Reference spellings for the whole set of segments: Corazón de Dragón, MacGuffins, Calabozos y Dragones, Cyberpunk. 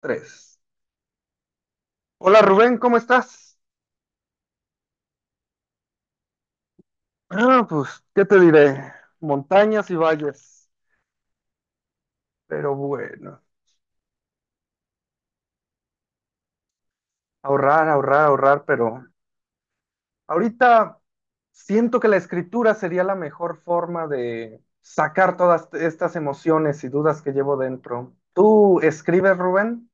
Tres. Hola Rubén, ¿cómo estás? Ah, pues, ¿qué te diré? Montañas y valles. Pero bueno, ahorrar, ahorrar, ahorrar, pero ahorita siento que la escritura sería la mejor forma de sacar todas estas emociones y dudas que llevo dentro. ¿Tú escribes, Rubén?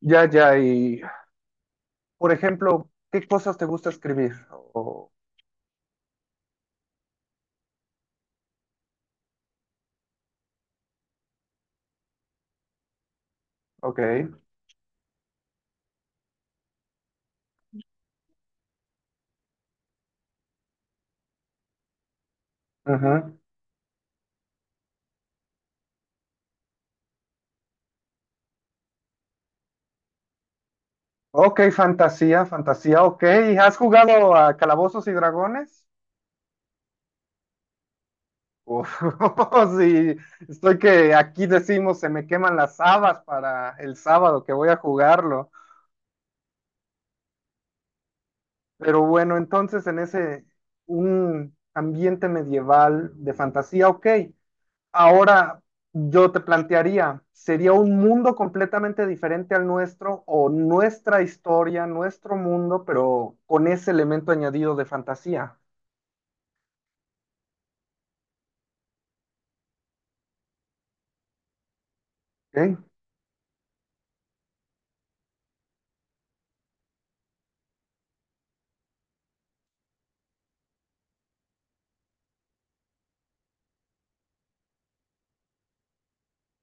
Ya, ya, y por ejemplo, ¿qué cosas te gusta escribir? Ok, ujú. Ok, fantasía, fantasía, ok. ¿Has jugado a Calabozos y Dragones? Uf, sí, estoy que aquí decimos se me queman las habas para el sábado que voy a jugarlo. Pero bueno, entonces en ese un ambiente medieval de fantasía, ok. Ahora yo te plantearía, ¿sería un mundo completamente diferente al nuestro o nuestra historia, nuestro mundo, pero con ese elemento añadido de fantasía? Ok,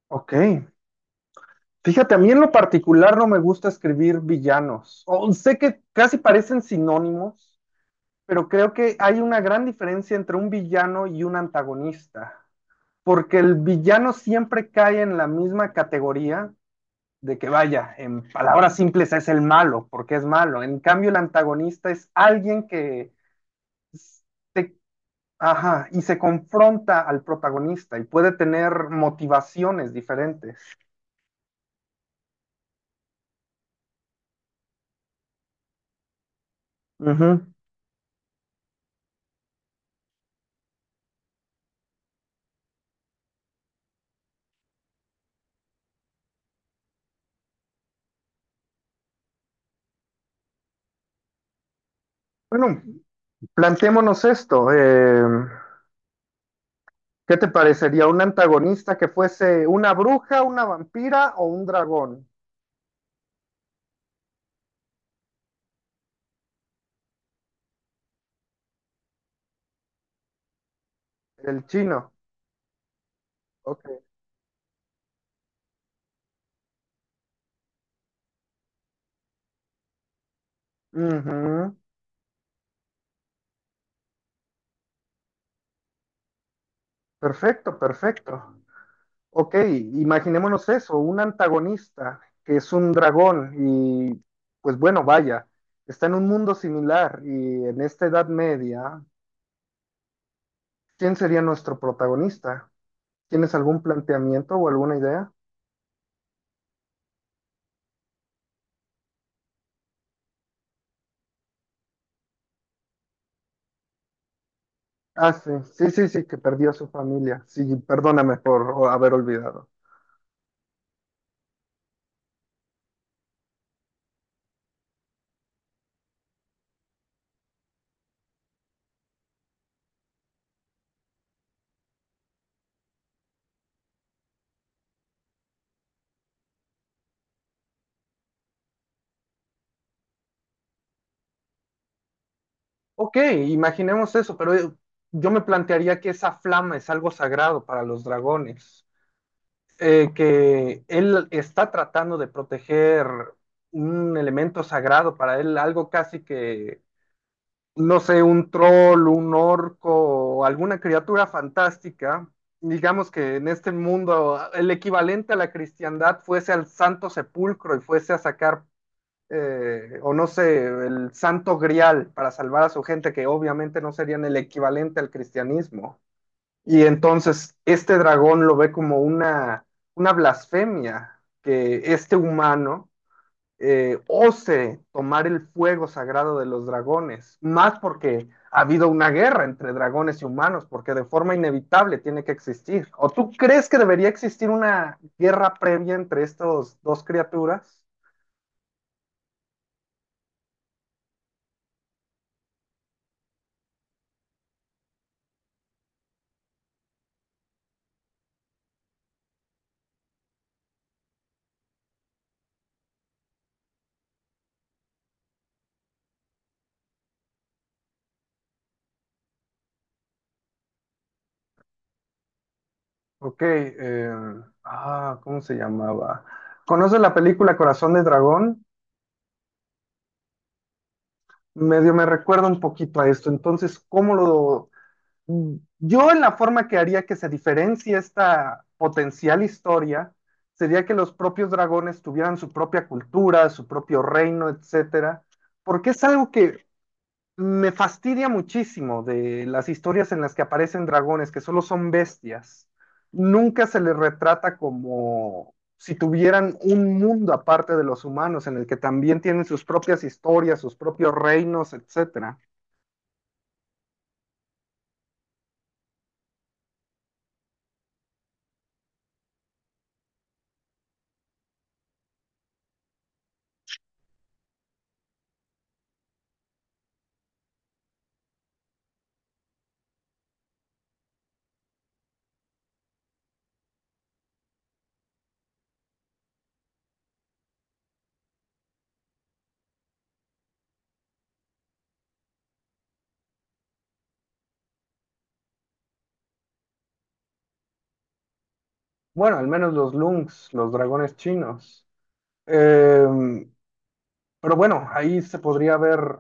ok. Fíjate, a mí en lo particular no me gusta escribir villanos. Sé que casi parecen sinónimos, pero creo que hay una gran diferencia entre un villano y un antagonista, porque el villano siempre cae en la misma categoría de que vaya, en palabras simples es el malo, porque es malo. En cambio, el antagonista es alguien que se- ajá, y se confronta al protagonista y puede tener motivaciones diferentes. Ujú. Bueno, plantémonos esto. ¿Qué te parecería un antagonista que fuese una bruja, una vampira o un dragón? El chino. Ok. Ujú. Perfecto, perfecto. Ok, imaginémonos eso, un antagonista que es un dragón y pues bueno, vaya, está en un mundo similar y en esta Edad Media, ¿quién sería nuestro protagonista? ¿Tienes algún planteamiento o alguna idea? Ah, sí, sí, sí, sí, que perdió a su familia. Sí, perdóname por haber olvidado. Ok, imaginemos eso, pero yo me plantearía que esa flama es algo sagrado para los dragones, que él está tratando de proteger un elemento sagrado para él, algo casi que, no sé, un troll, un orco, o alguna criatura fantástica. Digamos que en este mundo el equivalente a la cristiandad fuese al santo sepulcro y fuese a sacar o no sé, el santo grial para salvar a su gente, que obviamente no serían el equivalente al cristianismo. Y entonces este dragón lo ve como una blasfemia que este humano ose tomar el fuego sagrado de los dragones, más porque ha habido una guerra entre dragones y humanos, porque de forma inevitable tiene que existir. ¿O tú crees que debería existir una guerra previa entre estas dos criaturas? Ok, ¿cómo se llamaba? ¿Conoces la película Corazón de Dragón? Medio me recuerda un poquito a esto. Entonces, ¿cómo lo... yo en la forma que haría que se diferencie esta potencial historia sería que los propios dragones tuvieran su propia cultura, su propio reino, etcétera, porque es algo que me fastidia muchísimo de las historias en las que aparecen dragones, que solo son bestias. Nunca se les retrata como si tuvieran un mundo aparte de los humanos, en el que también tienen sus propias historias, sus propios reinos, etcétera. Bueno, al menos los Lungs, los dragones chinos. Eh, pero bueno, ahí se podría ver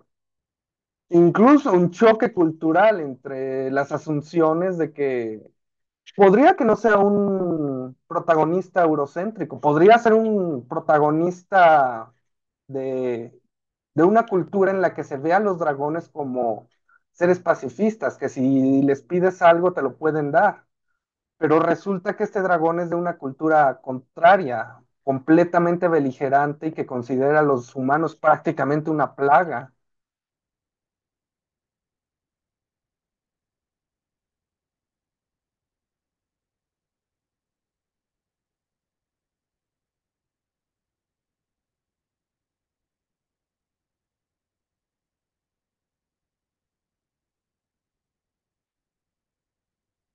incluso un choque cultural entre las asunciones de que podría que no sea un protagonista eurocéntrico, podría ser un protagonista de, de una cultura en la que se vean los dragones como seres pacifistas, que si les pides algo te lo pueden dar. Pero resulta que este dragón es de una cultura contraria, completamente beligerante y que considera a los humanos prácticamente una plaga.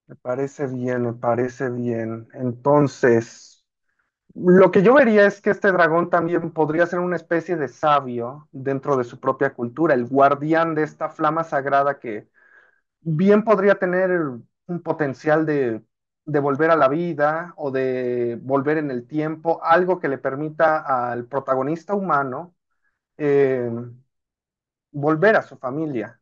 Me parece bien, me parece bien. Entonces, lo que yo vería es que este dragón también podría ser una especie de sabio dentro de su propia cultura, el guardián de esta flama sagrada que bien podría tener un potencial de volver a la vida o de volver en el tiempo, algo que le permita al protagonista humano eh, volver a su familia.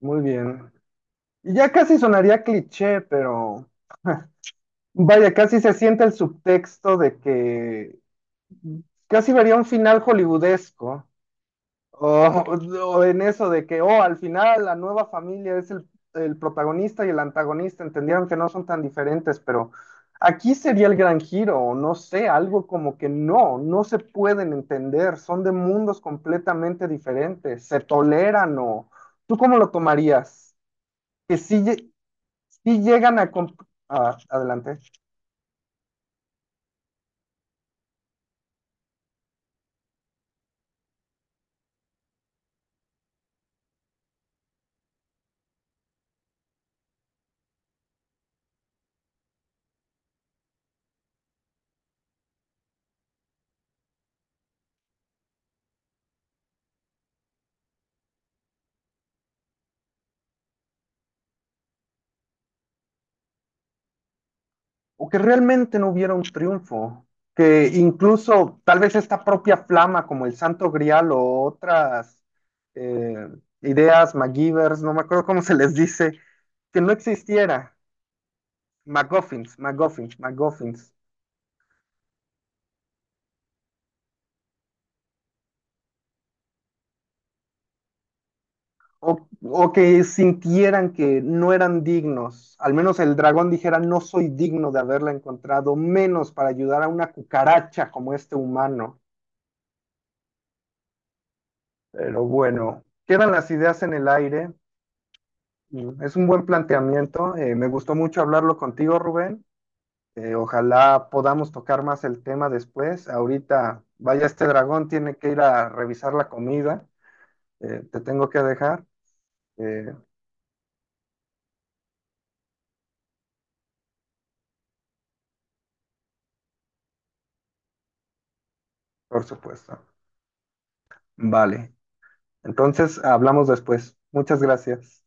Muy bien. Y ya casi sonaría cliché, pero vaya, casi se siente el subtexto de que casi vería un final hollywoodesco. O, o en eso de que, oh, al final la nueva familia es el protagonista y el antagonista, entendieron que no son tan diferentes, pero aquí sería el gran giro, o no sé, algo como que no, no se pueden entender, son de mundos completamente diferentes, se toleran o... ¿Tú cómo lo tomarías? Que sí, sí llegan a... ah, adelante. O que realmente no hubiera un triunfo, que incluso tal vez esta propia flama como el Santo Grial o otras eh, ideas MacGyvers, no me acuerdo cómo se les dice, que no existiera, MacGuffins, MacGuffins, MacGuffins. O, o que sintieran que no eran dignos, al menos el dragón dijera no soy digno de haberla encontrado, menos para ayudar a una cucaracha como este humano, pero bueno. Quedan las ideas en el aire. Es un buen planteamiento. Me gustó mucho hablarlo contigo, Rubén. Ojalá podamos tocar más el tema después. Ahorita, vaya, este dragón tiene que ir a revisar la comida. Te tengo que dejar, eh, por supuesto. Vale. Entonces, hablamos después. Muchas gracias.